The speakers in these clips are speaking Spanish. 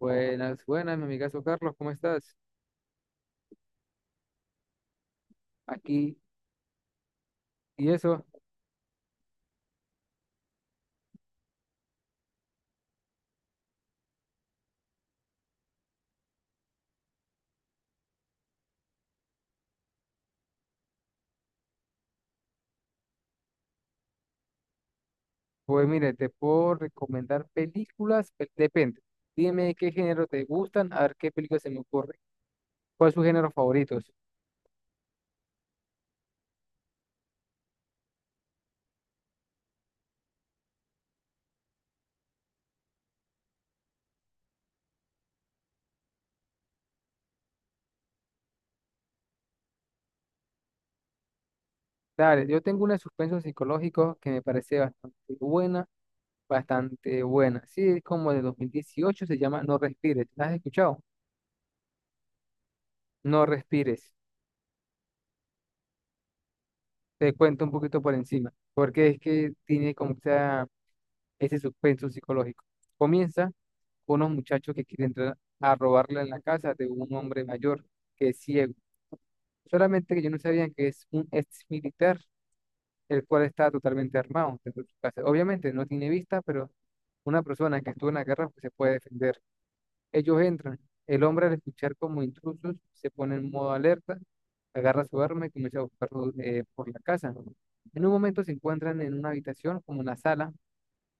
Buenas, buenas, mi amigazo Carlos, ¿cómo estás? Aquí, y eso, pues mire, te puedo recomendar películas, depende. Dime qué género te gustan, a ver qué película se me ocurre. ¿Cuál es su género favorito? Dale, yo tengo una de suspenso psicológico que me parece bastante buena, bastante buena. Sí, es como de 2018, se llama No Respires. ¿La has escuchado? No Respires. Te cuento un poquito por encima, porque es que tiene como que esa ese suspenso psicológico. Comienza con unos muchachos que quieren entrar a robarle en la casa de un hombre mayor que es ciego. Solamente que ellos no sabían que es un ex militar, el cual está totalmente armado dentro de su casa. Obviamente no tiene vista, pero una persona que estuvo en la guerra pues, se puede defender. Ellos entran. El hombre al escuchar como intrusos se pone en modo alerta, agarra su arma y comienza a buscarlos por la casa. En un momento se encuentran en una habitación, como una sala,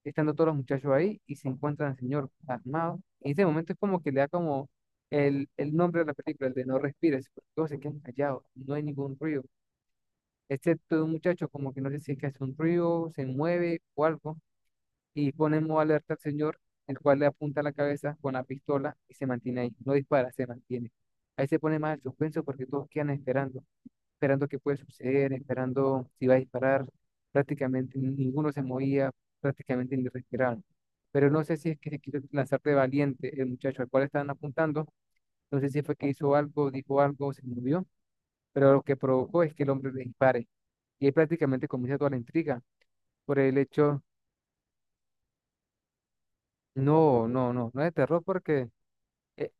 estando todos los muchachos ahí y se encuentran al señor armado. En ese momento es como que le da como el nombre de la película, el de No respires, porque todos se quedan callados, no hay ningún ruido, excepto de un muchacho como que no sé si es que hace un ruido, se mueve o algo, y ponemos alerta al señor, el cual le apunta la cabeza con la pistola y se mantiene ahí, no dispara, se mantiene. Ahí se pone más el suspenso porque todos quedan esperando esperando qué puede suceder, esperando si va a disparar. Prácticamente ninguno se movía, prácticamente ni respiraban. Pero no sé si es que se quiso lanzar de valiente el muchacho al cual estaban apuntando. No sé si fue que hizo algo, dijo algo, se movió. Pero lo que provocó es que el hombre le dispare. Y ahí prácticamente comienza toda la intriga por el hecho, no, no, no, no es de terror porque e-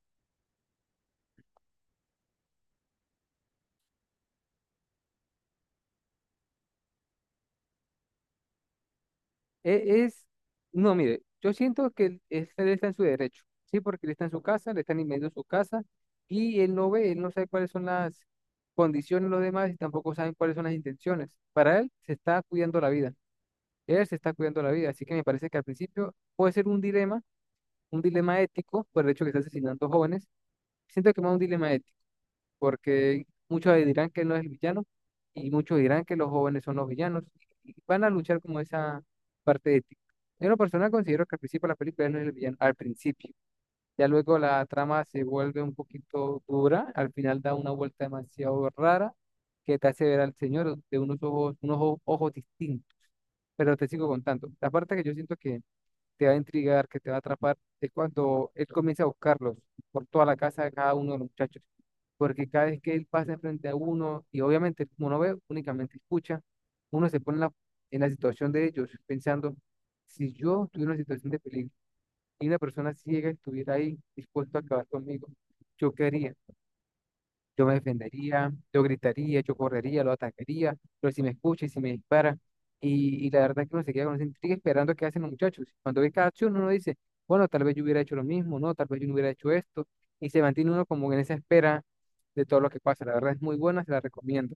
Es, no, mire, yo siento que él está en su derecho, sí, porque él está en su casa, le están invadiendo su casa y él no ve, él no sabe cuáles son las condiciones de los demás y tampoco saben cuáles son las intenciones. Para él se está cuidando la vida, él se está cuidando la vida, así que me parece que al principio puede ser un dilema ético por el hecho que está asesinando jóvenes. Siento que más un dilema ético porque muchos dirán que él no es el villano y muchos dirán que los jóvenes son los villanos y van a luchar como esa parte ética. Yo en lo personal considero que al principio de la película él no es el villano, al principio. Ya luego la trama se vuelve un poquito dura, al final da una vuelta demasiado rara que te hace ver al señor de unos ojos, ojos distintos, pero te sigo contando. La parte que yo siento que te va a intrigar, que te va a atrapar, es cuando él comienza a buscarlos por toda la casa de cada uno de los muchachos. Porque cada vez que él pasa enfrente a uno, y obviamente como no ve, únicamente escucha, uno se pone en la situación de ellos, pensando, si yo tuviera una situación de peligro y una persona ciega estuviera ahí dispuesto a acabar conmigo, yo quería. Yo me defendería, yo gritaría, yo correría, lo atacaría, pero si me escucha y si me dispara. Y la verdad es que uno se queda con esa intriga esperando qué hacen los muchachos. Cuando ve cada acción, uno dice, bueno, tal vez yo hubiera hecho lo mismo, no, tal vez yo no hubiera hecho esto. Y se mantiene uno como en esa espera de todo lo que pasa. La verdad es muy buena, se la recomiendo.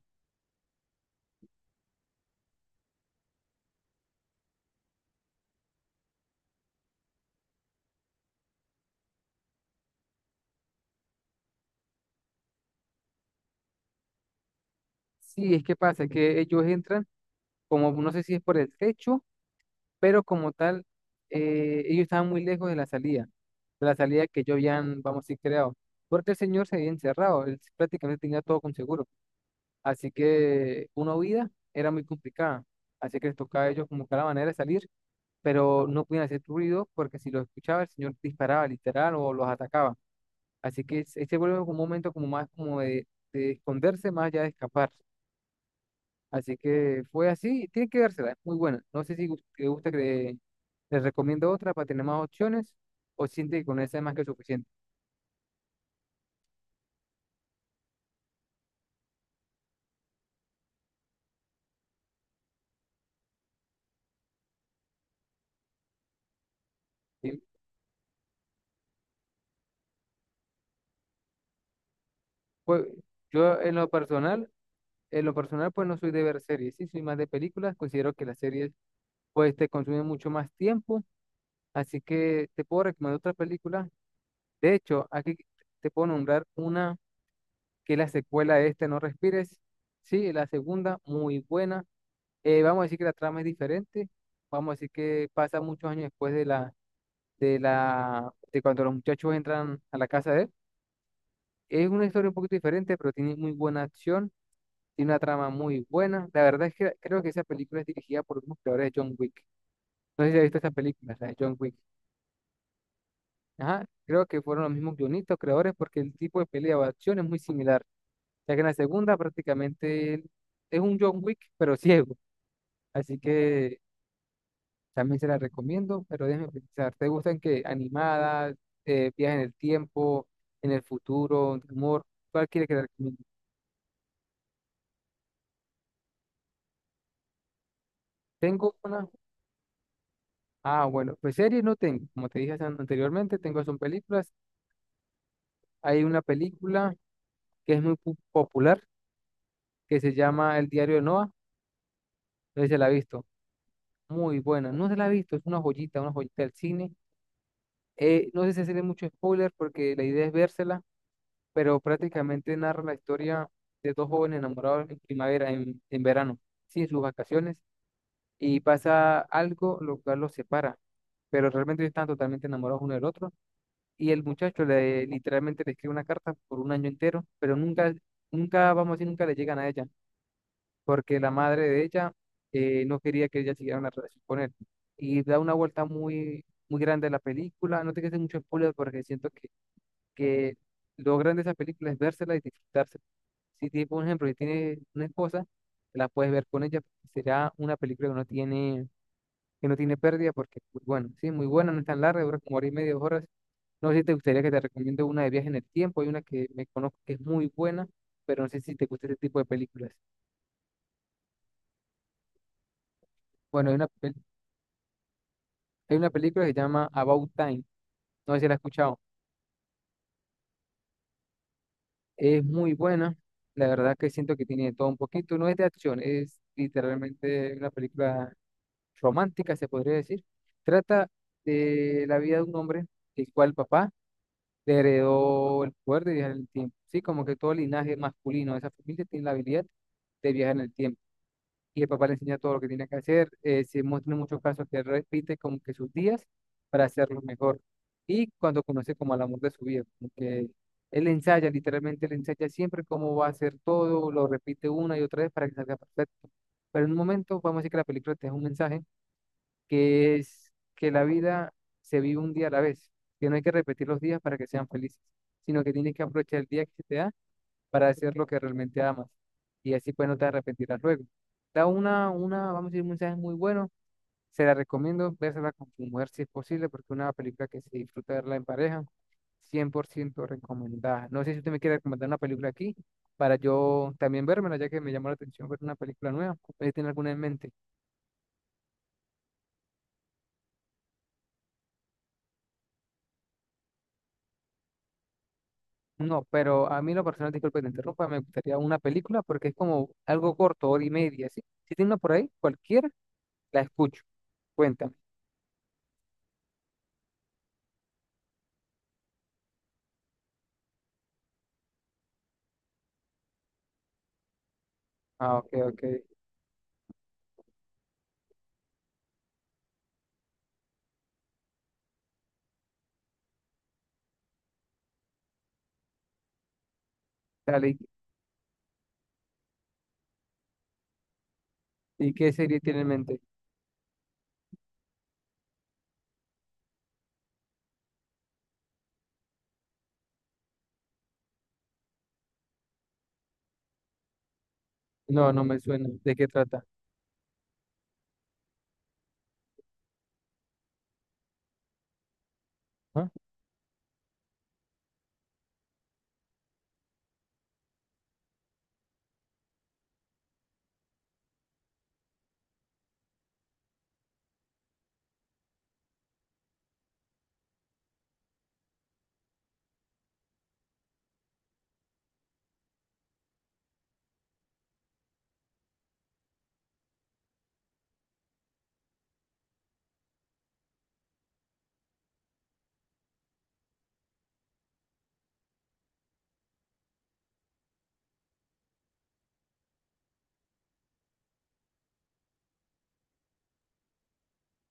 Sí, es que pasa que ellos entran. Como no sé si es por el techo, pero como tal, ellos estaban muy lejos de la salida que yo habían, vamos a decir, creado, porque el señor se había encerrado, él prácticamente tenía todo con seguro, así que una huida era muy complicada, así que les tocaba a ellos como que la manera de salir, pero no podían hacer ruido porque si lo escuchaba el señor disparaba literal o los atacaba, así que se vuelve como un momento como más como de esconderse más allá de escapar. Así que fue así, y tiene que dársela, es muy buena. No sé si te gusta que les recomiendo otra para tener más opciones o siente que con esa es más que suficiente. ¿Sí? Pues yo en lo personal pues no soy de ver series, sí, soy más de películas, considero que las series pues te consumen mucho más tiempo, así que te puedo recomendar otra película. De hecho, aquí te puedo nombrar una que es la secuela de este No Respires, sí, la segunda, muy buena. Vamos a decir que la trama es diferente, vamos a decir que pasa muchos años después de la, de cuando los muchachos entran a la casa de él. Es una historia un poquito diferente, pero tiene muy buena acción, tiene una trama muy buena. La verdad es que creo que esa película es dirigida por los mismos creadores de John Wick. No sé si has visto esa película, la de John Wick. Ajá, creo que fueron los mismos guionistas, creadores, porque el tipo de pelea o acción es muy similar, ya que en la segunda prácticamente él es un John Wick, pero ciego. Así que también se la recomiendo, pero déjame pensar. ¿Te gustan que animadas, viajes en el tiempo, en el futuro, de humor? ¿Cuál quiere que te recomiende? Tengo una. Ah, bueno, pues series no tengo. Como te dije anteriormente, tengo son películas. Hay una película que es muy popular que se llama El diario de Noah. No sé si se la ha visto. Muy buena. No se la ha visto, es una joyita del cine. No sé si hacerle mucho spoiler porque la idea es vérsela pero prácticamente narra la historia de dos jóvenes enamorados en primavera, en verano, sí, en sus vacaciones, y pasa algo lo cual los separa, pero realmente ellos están totalmente enamorados uno del otro, y el muchacho le, literalmente le escribe una carta por un año entero, pero nunca, nunca, vamos a decir, nunca le llegan a ella, porque la madre de ella no quería que ella siguiera una relación con él, y da una vuelta muy, muy grande a la película, no te quedes mucho spoiler porque siento que logran de esa película es vérsela y disfrutársela. Si tienes, por ejemplo, si tienes una esposa, te la puedes ver con ella, será una película que no tiene pérdida, porque, pues, bueno, sí, muy buena, no es tan larga, dura como hora y media, dos horas. No sé si te gustaría que te recomiende una de viaje en el tiempo, hay una que me conozco que es muy buena, pero no sé si te gusta ese tipo de películas. Bueno, hay una, hay una película que se llama About Time, no sé si la has escuchado, es muy buena, la verdad que siento que tiene de todo un poquito, no es de acción, es literalmente una película romántica, se podría decir. Trata de la vida de un hombre, el cual el papá le heredó el poder de viajar en el tiempo. Sí, como que todo el linaje masculino de esa familia tiene la habilidad de viajar en el tiempo. Y el papá le enseña todo lo que tiene que hacer. Se muestran muchos casos que repite como que sus días para hacerlo mejor. Y cuando conoce como al amor de su vida, como que él ensaya, literalmente él ensaya siempre cómo va a hacer todo, lo repite una y otra vez para que salga perfecto. Pero en un momento, vamos a decir que la película te da un mensaje que es que la vida se vive un día a la vez, que no hay que repetir los días para que sean felices, sino que tienes que aprovechar el día que se te da para hacer lo que realmente amas. Y así pues no te arrepentirás luego. Da vamos a decir, un mensaje muy bueno. Se la recomiendo, véasela con tu mujer si es posible, porque es una película que se disfruta verla en pareja, 100% recomendada. No sé si usted me quiere recomendar una película aquí para yo también vérmela, ya que me llamó la atención ver una película nueva. ¿Usted tiene alguna en mente? No, pero a mí lo personal, disculpe que te interrumpa, me gustaría una película porque es como algo corto, hora y media, ¿sí? Si tiene una por ahí, cualquiera, la escucho. Cuéntame. Ah, ok, ok. Dale, ¿y qué serie tiene en mente? No, no me suena. ¿De qué trata? ¿Ah?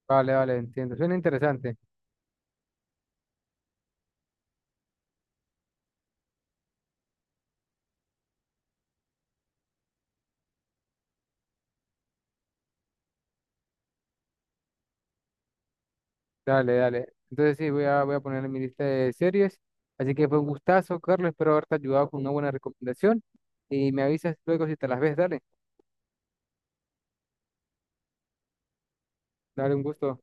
Vale, vale, entiendo. Suena interesante. Dale, dale. Entonces sí, voy a poner en mi lista de series. Así que fue un gustazo, Carlos. Espero haberte ayudado con una buena recomendación. Y me avisas luego si te las ves, dale. Dale un gusto.